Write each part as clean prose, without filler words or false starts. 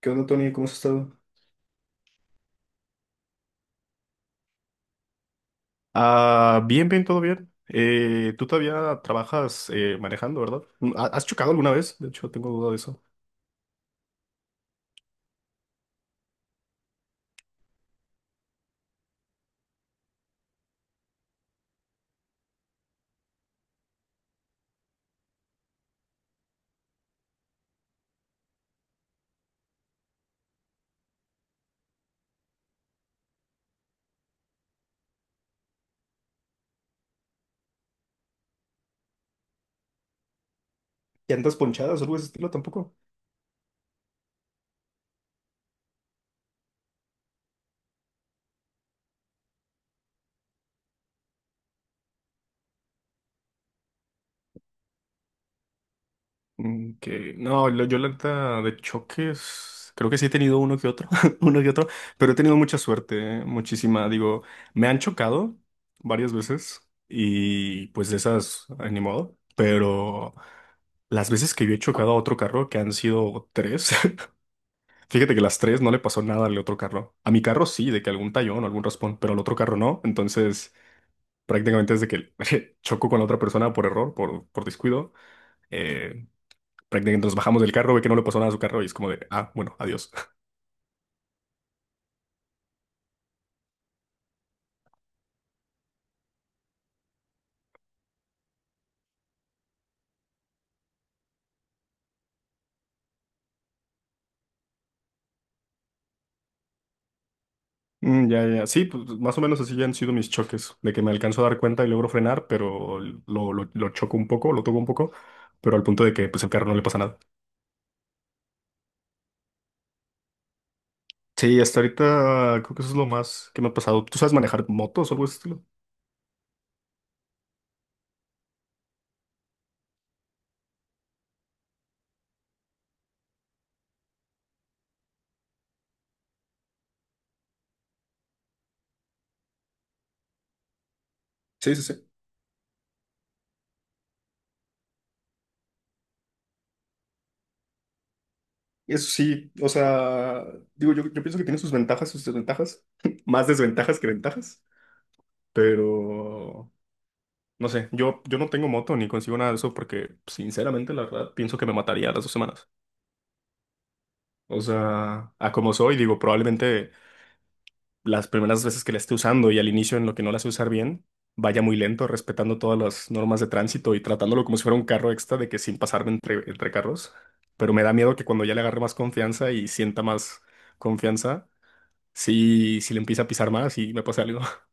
¿Qué onda, Tony? ¿Cómo has estado? Ah, bien, bien, todo bien. Tú todavía trabajas manejando, ¿verdad? ¿Has chocado alguna vez? De hecho, tengo duda de eso. ¿Llantas ponchadas o algo de ese estilo tampoco? Que no, yo la neta de choques, creo que sí he tenido uno que otro, uno que otro, pero he tenido mucha suerte, muchísima. Digo, me han chocado varias veces y pues de esas, ni modo, pero las veces que yo he chocado a otro carro, que han sido tres. Fíjate que las tres no le pasó nada al otro carro. A mi carro sí, de que algún tallón o algún raspón, pero al otro carro no. Entonces, prácticamente desde que chocó con la otra persona por error, por descuido, eh, prácticamente nos bajamos del carro, ve que no le pasó nada a su carro y es como de, ah, bueno, adiós. Mm, ya, ya. Sí, pues más o menos así ya han sido mis choques, de que me alcanzo a dar cuenta y logro frenar, pero lo choco un poco, lo toco un poco, pero al punto de que pues el carro no le pasa nada. Sí, hasta ahorita creo que eso es lo más que me ha pasado. ¿Tú sabes manejar motos o algo de ese estilo? Sí, sí, sí. Eso sí, o sea, digo, yo pienso que tiene sus ventajas, sus desventajas, más desventajas que ventajas, pero no sé, yo no tengo moto ni consigo nada de eso porque sinceramente la verdad pienso que me mataría a las 2 semanas. O sea, a como soy, digo, probablemente las primeras veces que la esté usando y al inicio en lo que no la sé usar bien, vaya muy lento, respetando todas las normas de tránsito y tratándolo como si fuera un carro extra de que sin pasarme entre carros, pero me da miedo que cuando ya le agarre más confianza y sienta más confianza si le empieza a pisar más y me pasa algo.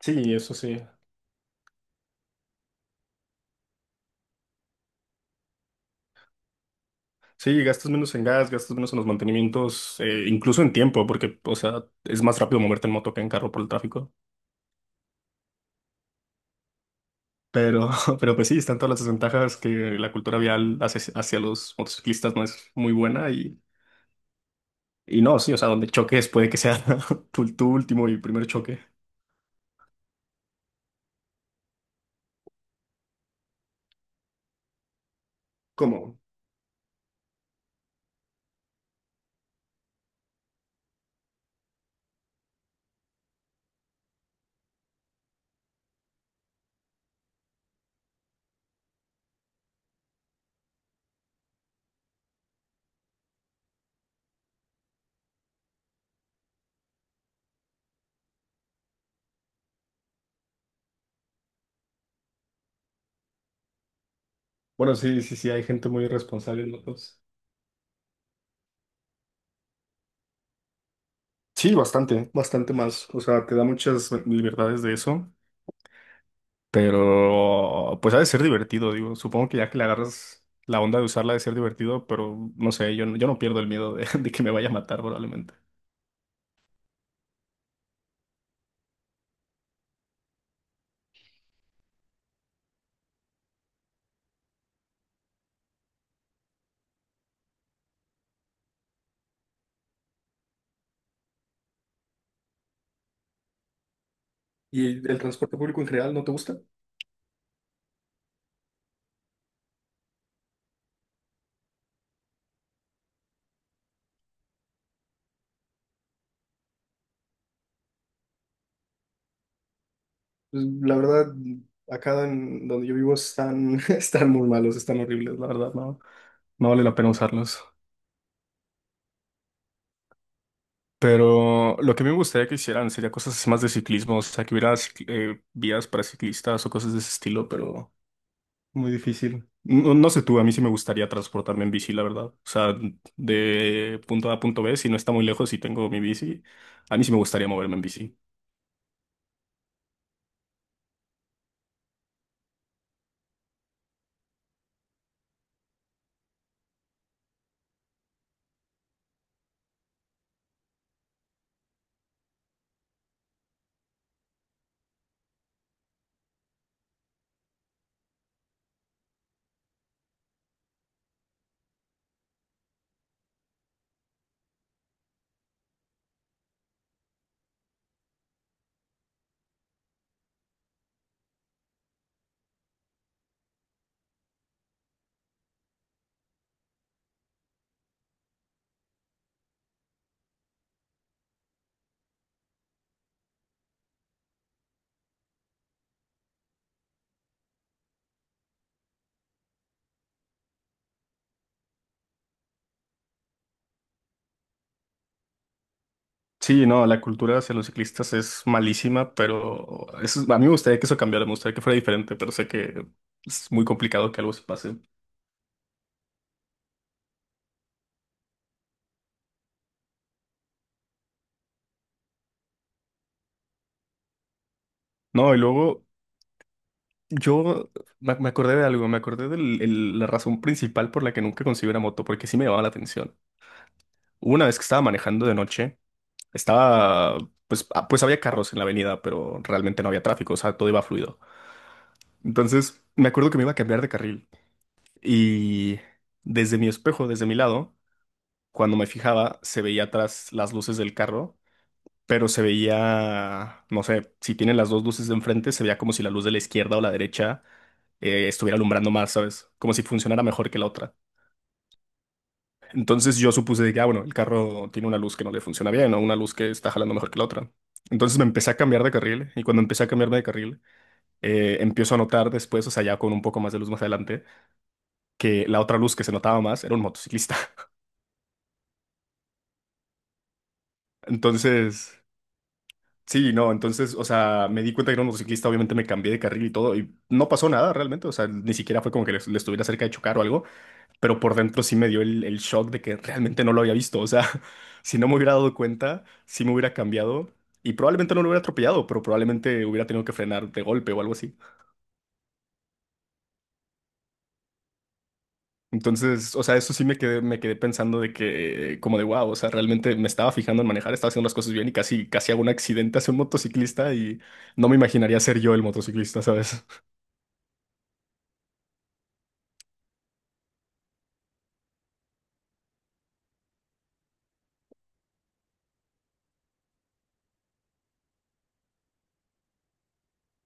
Sí, eso sí. Sí, gastas menos en gas, gastas menos en los mantenimientos, incluso en tiempo, porque, o sea, es más rápido moverte en moto que en carro por el tráfico. Pero, pero pues sí, están todas las desventajas que la cultura vial hace hacia los motociclistas no es muy buena y no, sí, o sea, donde choques puede que sea tu último y primer choque. ¿Cómo? Bueno, sí, sí, sí, hay gente muy irresponsable en motos. Sí, bastante, bastante más. O sea, te da muchas libertades de eso. Pero pues ha de ser divertido, digo. Supongo que ya que le agarras la onda de usarla ha de ser divertido, pero no sé, yo no pierdo el miedo de, de que me vaya a matar probablemente. ¿Y el transporte público en general no te gusta? Pues, la verdad, acá en donde yo vivo están, están muy malos, están horribles, la verdad, no, no vale la pena usarlos. Pero lo que me gustaría que hicieran sería cosas más de ciclismo, o sea, que hubiera vías para ciclistas o cosas de ese estilo, pero. Muy difícil. No, no sé tú, a mí sí me gustaría transportarme en bici, la verdad. O sea, de punto A a punto B, si no está muy lejos y tengo mi bici, a mí sí me gustaría moverme en bici. Sí, no, la cultura hacia los ciclistas es malísima, pero a mí me gustaría que eso cambiara, me gustaría que fuera diferente, pero sé que es muy complicado que algo se pase. No, y luego yo me acordé de algo, me acordé de la razón principal por la que nunca conseguí una moto, porque sí me llamaba la atención. Hubo una vez que estaba manejando de noche, estaba, pues había carros en la avenida, pero realmente no había tráfico, o sea, todo iba fluido. Entonces, me acuerdo que me iba a cambiar de carril y desde mi espejo, desde mi lado, cuando me fijaba, se veía atrás las luces del carro, pero se veía, no sé, si tienen las dos luces de enfrente, se veía como si la luz de la izquierda o la derecha estuviera alumbrando más, ¿sabes? Como si funcionara mejor que la otra. Entonces yo supuse de que, ah, bueno, el carro tiene una luz que no le funciona bien o una luz que está jalando mejor que la otra. Entonces me empecé a cambiar de carril y cuando empecé a cambiarme de carril, empiezo a notar después, o sea, ya con un poco más de luz más adelante, que la otra luz que se notaba más era un motociclista. Entonces, sí, no, entonces, o sea, me di cuenta que era un motociclista, obviamente me cambié de carril y todo y no pasó nada realmente, o sea, ni siquiera fue como que le estuviera cerca de chocar o algo. Pero por dentro sí me dio el shock de que realmente no lo había visto. O sea, si no me hubiera dado cuenta, sí me hubiera cambiado y probablemente no lo hubiera atropellado, pero probablemente hubiera tenido que frenar de golpe o algo así. Entonces, o sea, eso sí me quedé pensando de que, como de wow, o sea, realmente me estaba fijando en manejar, estaba haciendo las cosas bien y casi, casi hago un accidente hacia un motociclista y no me imaginaría ser yo el motociclista, ¿sabes?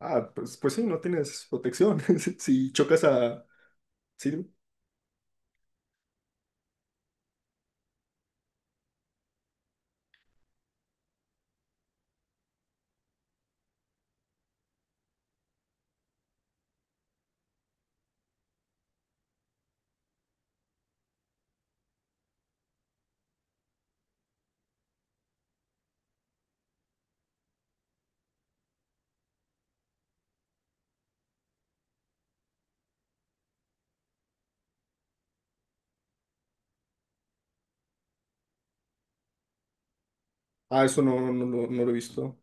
Ah, pues, sí, no tienes protección. Si chocas a. Sí. Ah, eso no, no, no, no lo he visto.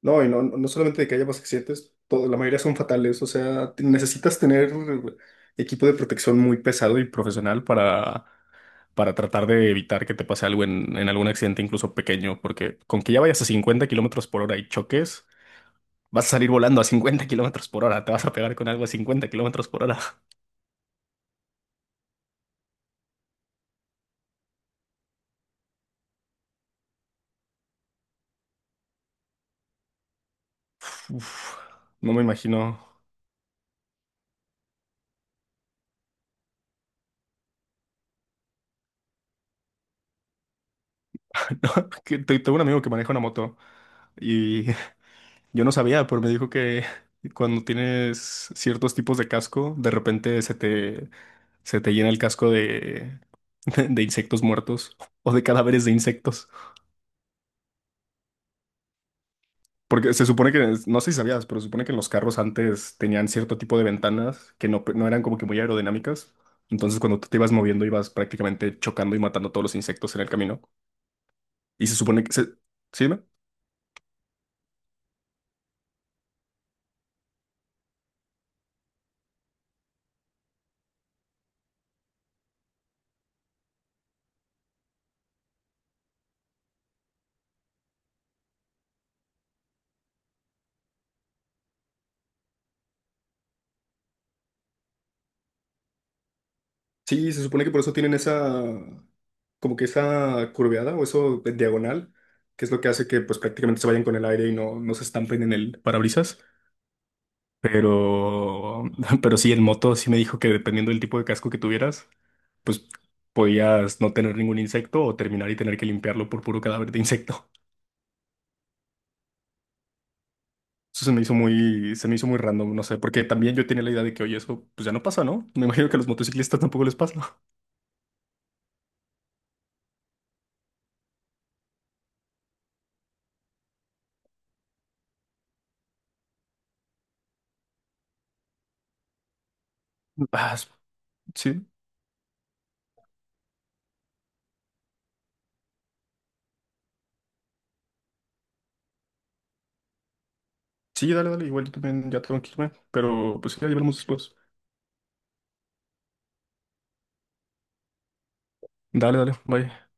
No, y no, no solamente de que haya más accidentes, la mayoría son fatales. O sea, necesitas tener equipo de protección muy pesado y profesional para tratar de evitar que te pase algo en algún accidente, incluso pequeño, porque con que ya vayas a 50 kilómetros por hora y choques, vas a salir volando a 50 kilómetros por hora. Te vas a pegar con algo a 50 kilómetros por hora. Uf, no me imagino. No, que tengo un amigo que maneja una moto y yo no sabía, pero me dijo que cuando tienes ciertos tipos de casco, de repente se te llena el casco de, de insectos muertos o de cadáveres de insectos. Porque se supone que, no sé si sabías, pero se supone que en los carros antes tenían cierto tipo de ventanas que no eran como que muy aerodinámicas. Entonces cuando tú te ibas moviendo ibas prácticamente chocando y matando todos los insectos en el camino. Y se supone que. ¿Sí? Sí, se supone que por eso tienen esa, como que esa curveada o eso de diagonal, que es lo que hace que pues prácticamente se vayan con el aire y no se estampen en el parabrisas. Pero, pero sí, en moto sí me dijo que dependiendo del tipo de casco que tuvieras, pues podías no tener ningún insecto o terminar y tener que limpiarlo por puro cadáver de insecto. Eso se me hizo muy random, no sé, porque también yo tenía la idea de que, oye, eso pues ya no pasa, ¿no? Me imagino que a los motociclistas tampoco les pasa. Ah, sí. Sí, dale, dale, igual yo también ya tengo que irme, pero pues ya, ya hablamos después. Dale, dale, bye.